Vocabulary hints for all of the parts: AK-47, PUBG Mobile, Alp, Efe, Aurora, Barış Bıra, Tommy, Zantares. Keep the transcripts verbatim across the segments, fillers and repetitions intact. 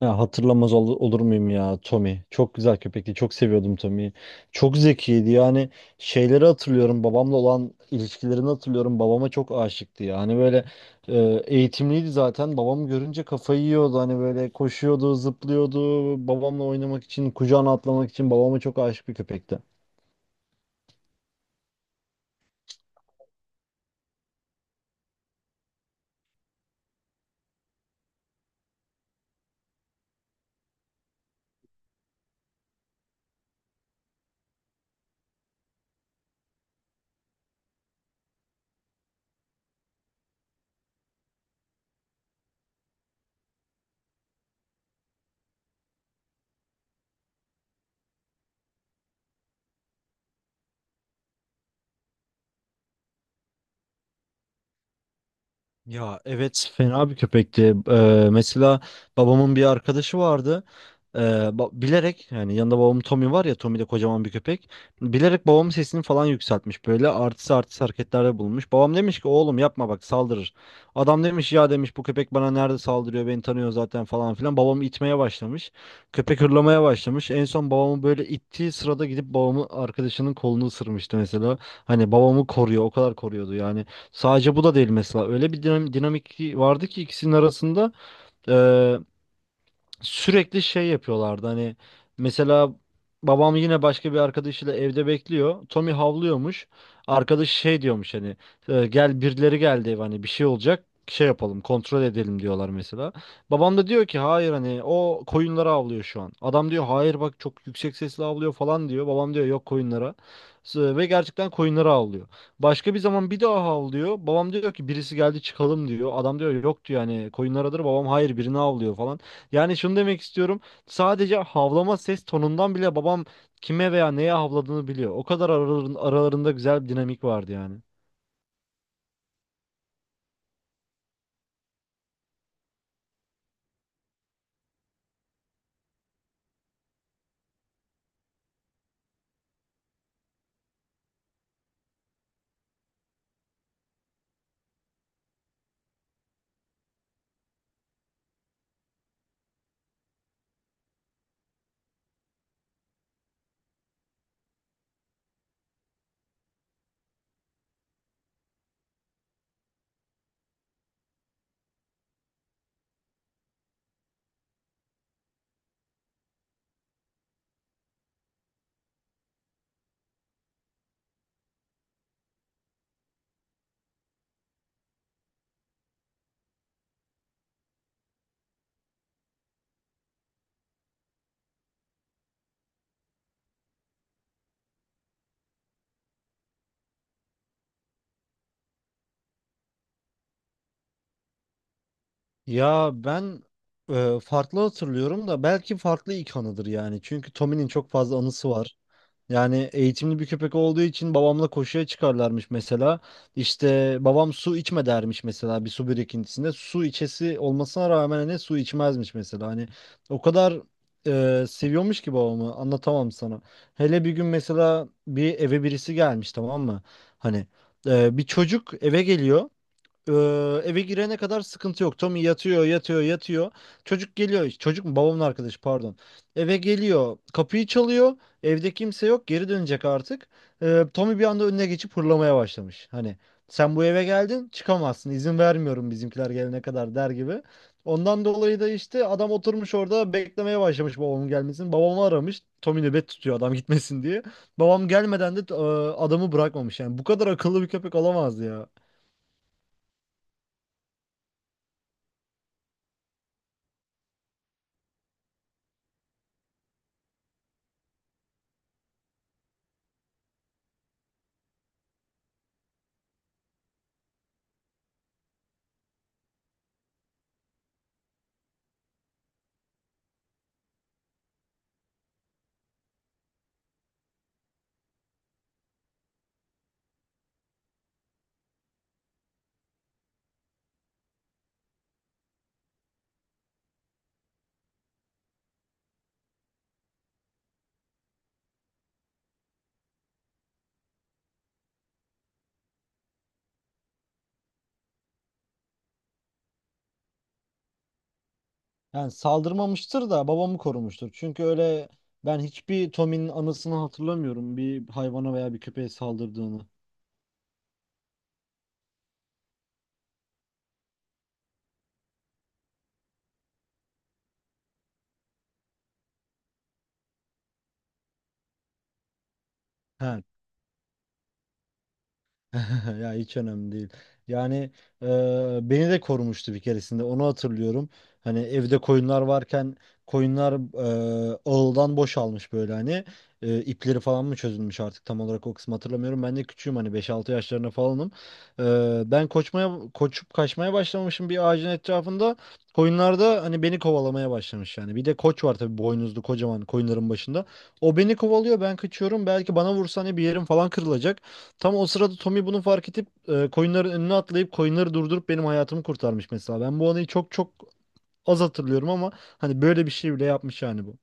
Ya hatırlamaz ol- olur muyum ya Tommy? Çok güzel köpekti. Çok seviyordum Tommy'yi. Çok zekiydi. Yani şeyleri hatırlıyorum. Babamla olan ilişkilerini hatırlıyorum. Babama çok aşıktı ya. Hani böyle e, eğitimliydi zaten. Babamı görünce kafayı yiyordu. Hani böyle koşuyordu, zıplıyordu. Babamla oynamak için, kucağına atlamak için babama çok aşık bir köpekti. Ya evet fena bir köpekti. Ee, mesela babamın bir arkadaşı vardı. Ee, ba- bilerek yani yanında babamın Tommy var ya, Tommy de kocaman bir köpek. Bilerek babamın sesini falan yükseltmiş, böyle artist artist hareketlerde bulunmuş. Babam demiş ki oğlum yapma bak saldırır. Adam demiş ya demiş bu köpek bana nerede saldırıyor, beni tanıyor zaten falan filan. Babamı itmeye başlamış. Köpek hırlamaya başlamış. En son babamı böyle ittiği sırada gidip babamı arkadaşının kolunu ısırmıştı mesela. Hani babamı koruyor, o kadar koruyordu yani. Sadece bu da değil mesela. Öyle bir dinam- dinamik vardı ki ikisinin arasında sürekli şey yapıyorlardı hani, mesela babam yine başka bir arkadaşıyla evde bekliyor. Tommy havlıyormuş. Arkadaş şey diyormuş hani, "E, gel birileri geldi ev hani bir şey olacak, şey yapalım kontrol edelim" diyorlar mesela. Babam da diyor ki hayır hani o koyunlara havlıyor şu an. Adam diyor hayır bak çok yüksek sesle havlıyor falan diyor. Babam diyor yok koyunlara. S- Ve gerçekten koyunlara havlıyor. Başka bir zaman bir daha havlıyor. Babam diyor ki birisi geldi çıkalım diyor. Adam diyor yok diyor hani koyunlaradır. Babam hayır birini havlıyor falan. Yani şunu demek istiyorum. Sadece havlama ses tonundan bile babam kime veya neye havladığını biliyor. O kadar araların- aralarında güzel bir dinamik vardı yani. Ya ben e, farklı hatırlıyorum da belki farklı ilk anıdır yani. Çünkü Tommy'nin çok fazla anısı var. Yani eğitimli bir köpek olduğu için babamla koşuya çıkarlarmış mesela. İşte babam su içme dermiş mesela bir su birikintisinde. Su içesi olmasına rağmen hani su içmezmiş mesela. Hani o kadar e, seviyormuş ki babamı, anlatamam sana. Hele bir gün mesela bir eve birisi gelmiş tamam mı? Hani e, bir çocuk eve geliyor. Ee, Eve girene kadar sıkıntı yok. Tommy yatıyor, yatıyor, yatıyor. Çocuk geliyor. Çocuk mu? Babamın arkadaşı pardon. Eve geliyor. Kapıyı çalıyor. Evde kimse yok. Geri dönecek artık. Ee, Tommy bir anda önüne geçip hırlamaya başlamış. Hani sen bu eve geldin çıkamazsın, İzin vermiyorum bizimkiler gelene kadar der gibi. Ondan dolayı da işte adam oturmuş orada beklemeye başlamış babamın gelmesini. Babamı aramış. Tommy nöbet tutuyor adam gitmesin diye. Babam gelmeden de e, adamı bırakmamış. Yani bu kadar akıllı bir köpek olamaz ya. Yani saldırmamıştır da babamı korumuştur. Çünkü öyle ben hiçbir Tommy'nin anısını hatırlamıyorum bir hayvana veya bir köpeğe saldırdığını. He. Ya hiç önemli değil. Yani e, beni de korumuştu bir keresinde. Onu hatırlıyorum. Hani evde koyunlar varken koyunlar e, ağıldan boşalmış böyle hani. E, ipleri falan mı çözülmüş artık tam olarak o kısmı hatırlamıyorum. Ben de küçüğüm hani, beş altı yaşlarında falanım. E, ben koçmaya koçup kaçmaya başlamışım bir ağacın etrafında. Koyunlar da hani beni kovalamaya başlamış yani. Bir de koç var tabii, boynuzlu kocaman, koyunların başında. O beni kovalıyor ben kaçıyorum. Belki bana vursa hani bir yerim falan kırılacak. Tam o sırada Tommy bunu fark edip e, coinlerin önüne atlayıp coinleri durdurup benim hayatımı kurtarmış mesela. Ben bu anıyı çok çok az hatırlıyorum ama hani böyle bir şey bile yapmış yani bu.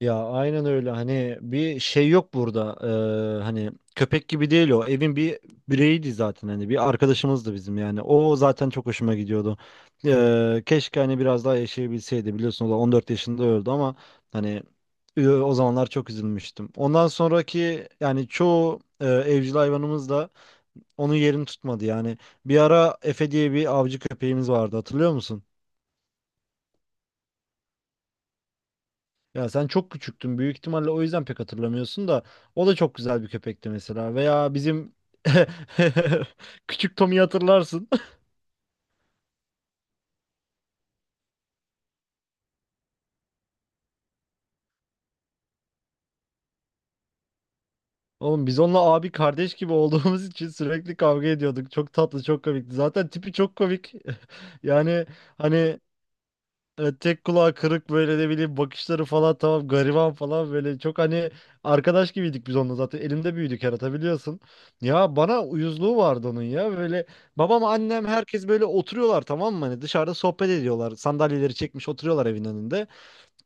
Ya aynen öyle, hani bir şey yok burada. Ee, hani köpek gibi değil, o evin bir bireyiydi zaten, hani bir arkadaşımızdı bizim yani, o zaten çok hoşuma gidiyordu. Ee, keşke hani biraz daha yaşayabilseydi, biliyorsun o da on dört yaşında öldü ama hani e, o zamanlar çok üzülmüştüm. Ondan sonraki yani çoğu e, evcil hayvanımız da onun yerini tutmadı yani. Bir ara Efe diye bir avcı köpeğimiz vardı, hatırlıyor musun? Ya sen çok küçüktün büyük ihtimalle, o yüzden pek hatırlamıyorsun da o da çok güzel bir köpekti mesela. Veya bizim küçük Tom'u hatırlarsın. Oğlum biz onunla abi kardeş gibi olduğumuz için sürekli kavga ediyorduk. Çok tatlı, çok komikti. Zaten tipi çok komik. Yani hani evet, tek kulağı kırık böyle de bileyim, bakışları falan tamam, gariban falan böyle, çok hani arkadaş gibiydik biz onunla, zaten elimde büyüdük yaratabiliyorsun. Ya bana uyuzluğu vardı onun ya, böyle babam annem herkes böyle oturuyorlar tamam mı, hani dışarıda sohbet ediyorlar, sandalyeleri çekmiş oturuyorlar evin önünde.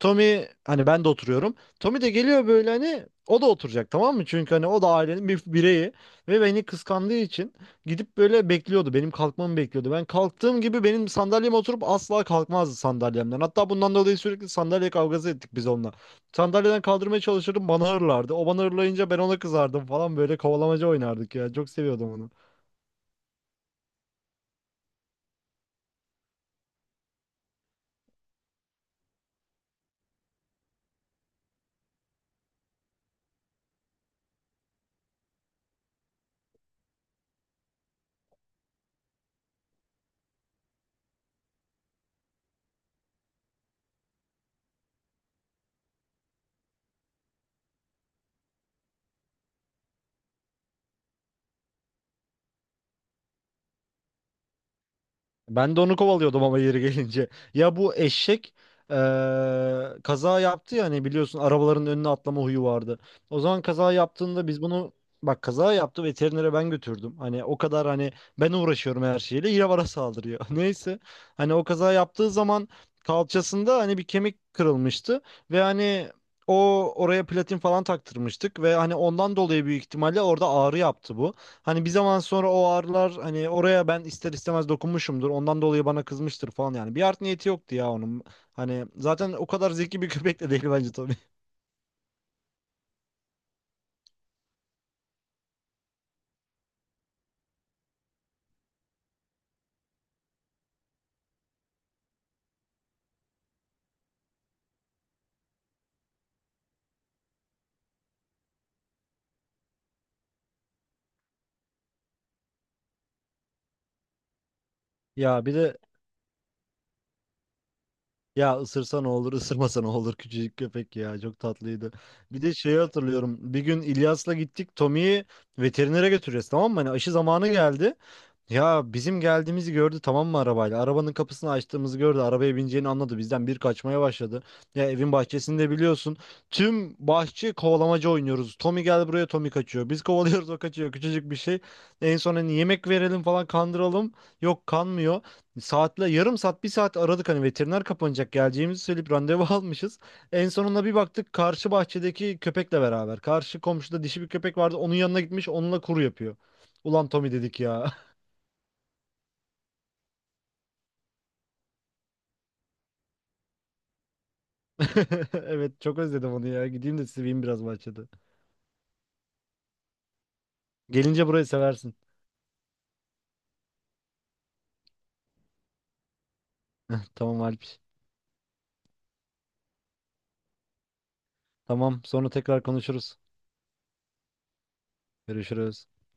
Tommy hani, ben de oturuyorum. Tommy de geliyor böyle, hani o da oturacak tamam mı? Çünkü hani o da ailenin bir bireyi ve beni kıskandığı için gidip böyle bekliyordu. Benim kalkmamı bekliyordu. Ben kalktığım gibi benim sandalyeme oturup asla kalkmazdı sandalyemden. Hatta bundan dolayı sürekli sandalye kavgası ettik biz onunla. Sandalyeden kaldırmaya çalışırdım bana hırlardı. O bana hırlayınca ben ona kızardım falan, böyle kovalamaca oynardık ya. Çok seviyordum onu. Ben de onu kovalıyordum ama yeri gelince. Ya bu eşek eee, kaza yaptı ya, hani biliyorsun arabaların önüne atlama huyu vardı. O zaman kaza yaptığında biz bunu bak kaza yaptı, veterinere ben götürdüm. Hani o kadar hani ben uğraşıyorum her şeyle yine bana saldırıyor. Neyse, hani o kaza yaptığı zaman kalçasında hani bir kemik kırılmıştı ve hani o oraya platin falan taktırmıştık ve hani ondan dolayı büyük ihtimalle orada ağrı yaptı bu. Hani bir zaman sonra o ağrılar hani oraya ben ister istemez dokunmuşumdur. Ondan dolayı bana kızmıştır falan yani. Bir art niyeti yoktu ya onun. Hani zaten o kadar zeki bir köpek de değil bence tabii. Ya bir de ya ısırsa ne olur, ısırmasa ne olur, küçücük köpek ya, çok tatlıydı. Bir de şeyi hatırlıyorum. Bir gün İlyas'la gittik Tommy'yi veterinere götüreceğiz tamam mı? Hani aşı zamanı geldi. Ya bizim geldiğimizi gördü tamam mı arabayla? Arabanın kapısını açtığımızı gördü. Arabaya bineceğini anladı. Bizden bir kaçmaya başladı. Ya evin bahçesinde biliyorsun. Tüm bahçe kovalamaca oynuyoruz. Tommy gel buraya, Tommy kaçıyor. Biz kovalıyoruz o kaçıyor. Küçücük bir şey. En son hani yemek verelim falan kandıralım. Yok kanmıyor. Saatle yarım saat bir saat aradık, hani veteriner kapanacak, geleceğimizi söyleyip randevu almışız. En sonunda bir baktık karşı bahçedeki köpekle beraber. Karşı komşuda dişi bir köpek vardı. Onun yanına gitmiş onunla kuru yapıyor. Ulan Tommy dedik ya. Evet çok özledim onu ya. Gideyim de seveyim biraz bahçede. Gelince burayı seversin. Tamam Alp. Tamam sonra tekrar konuşuruz. Görüşürüz.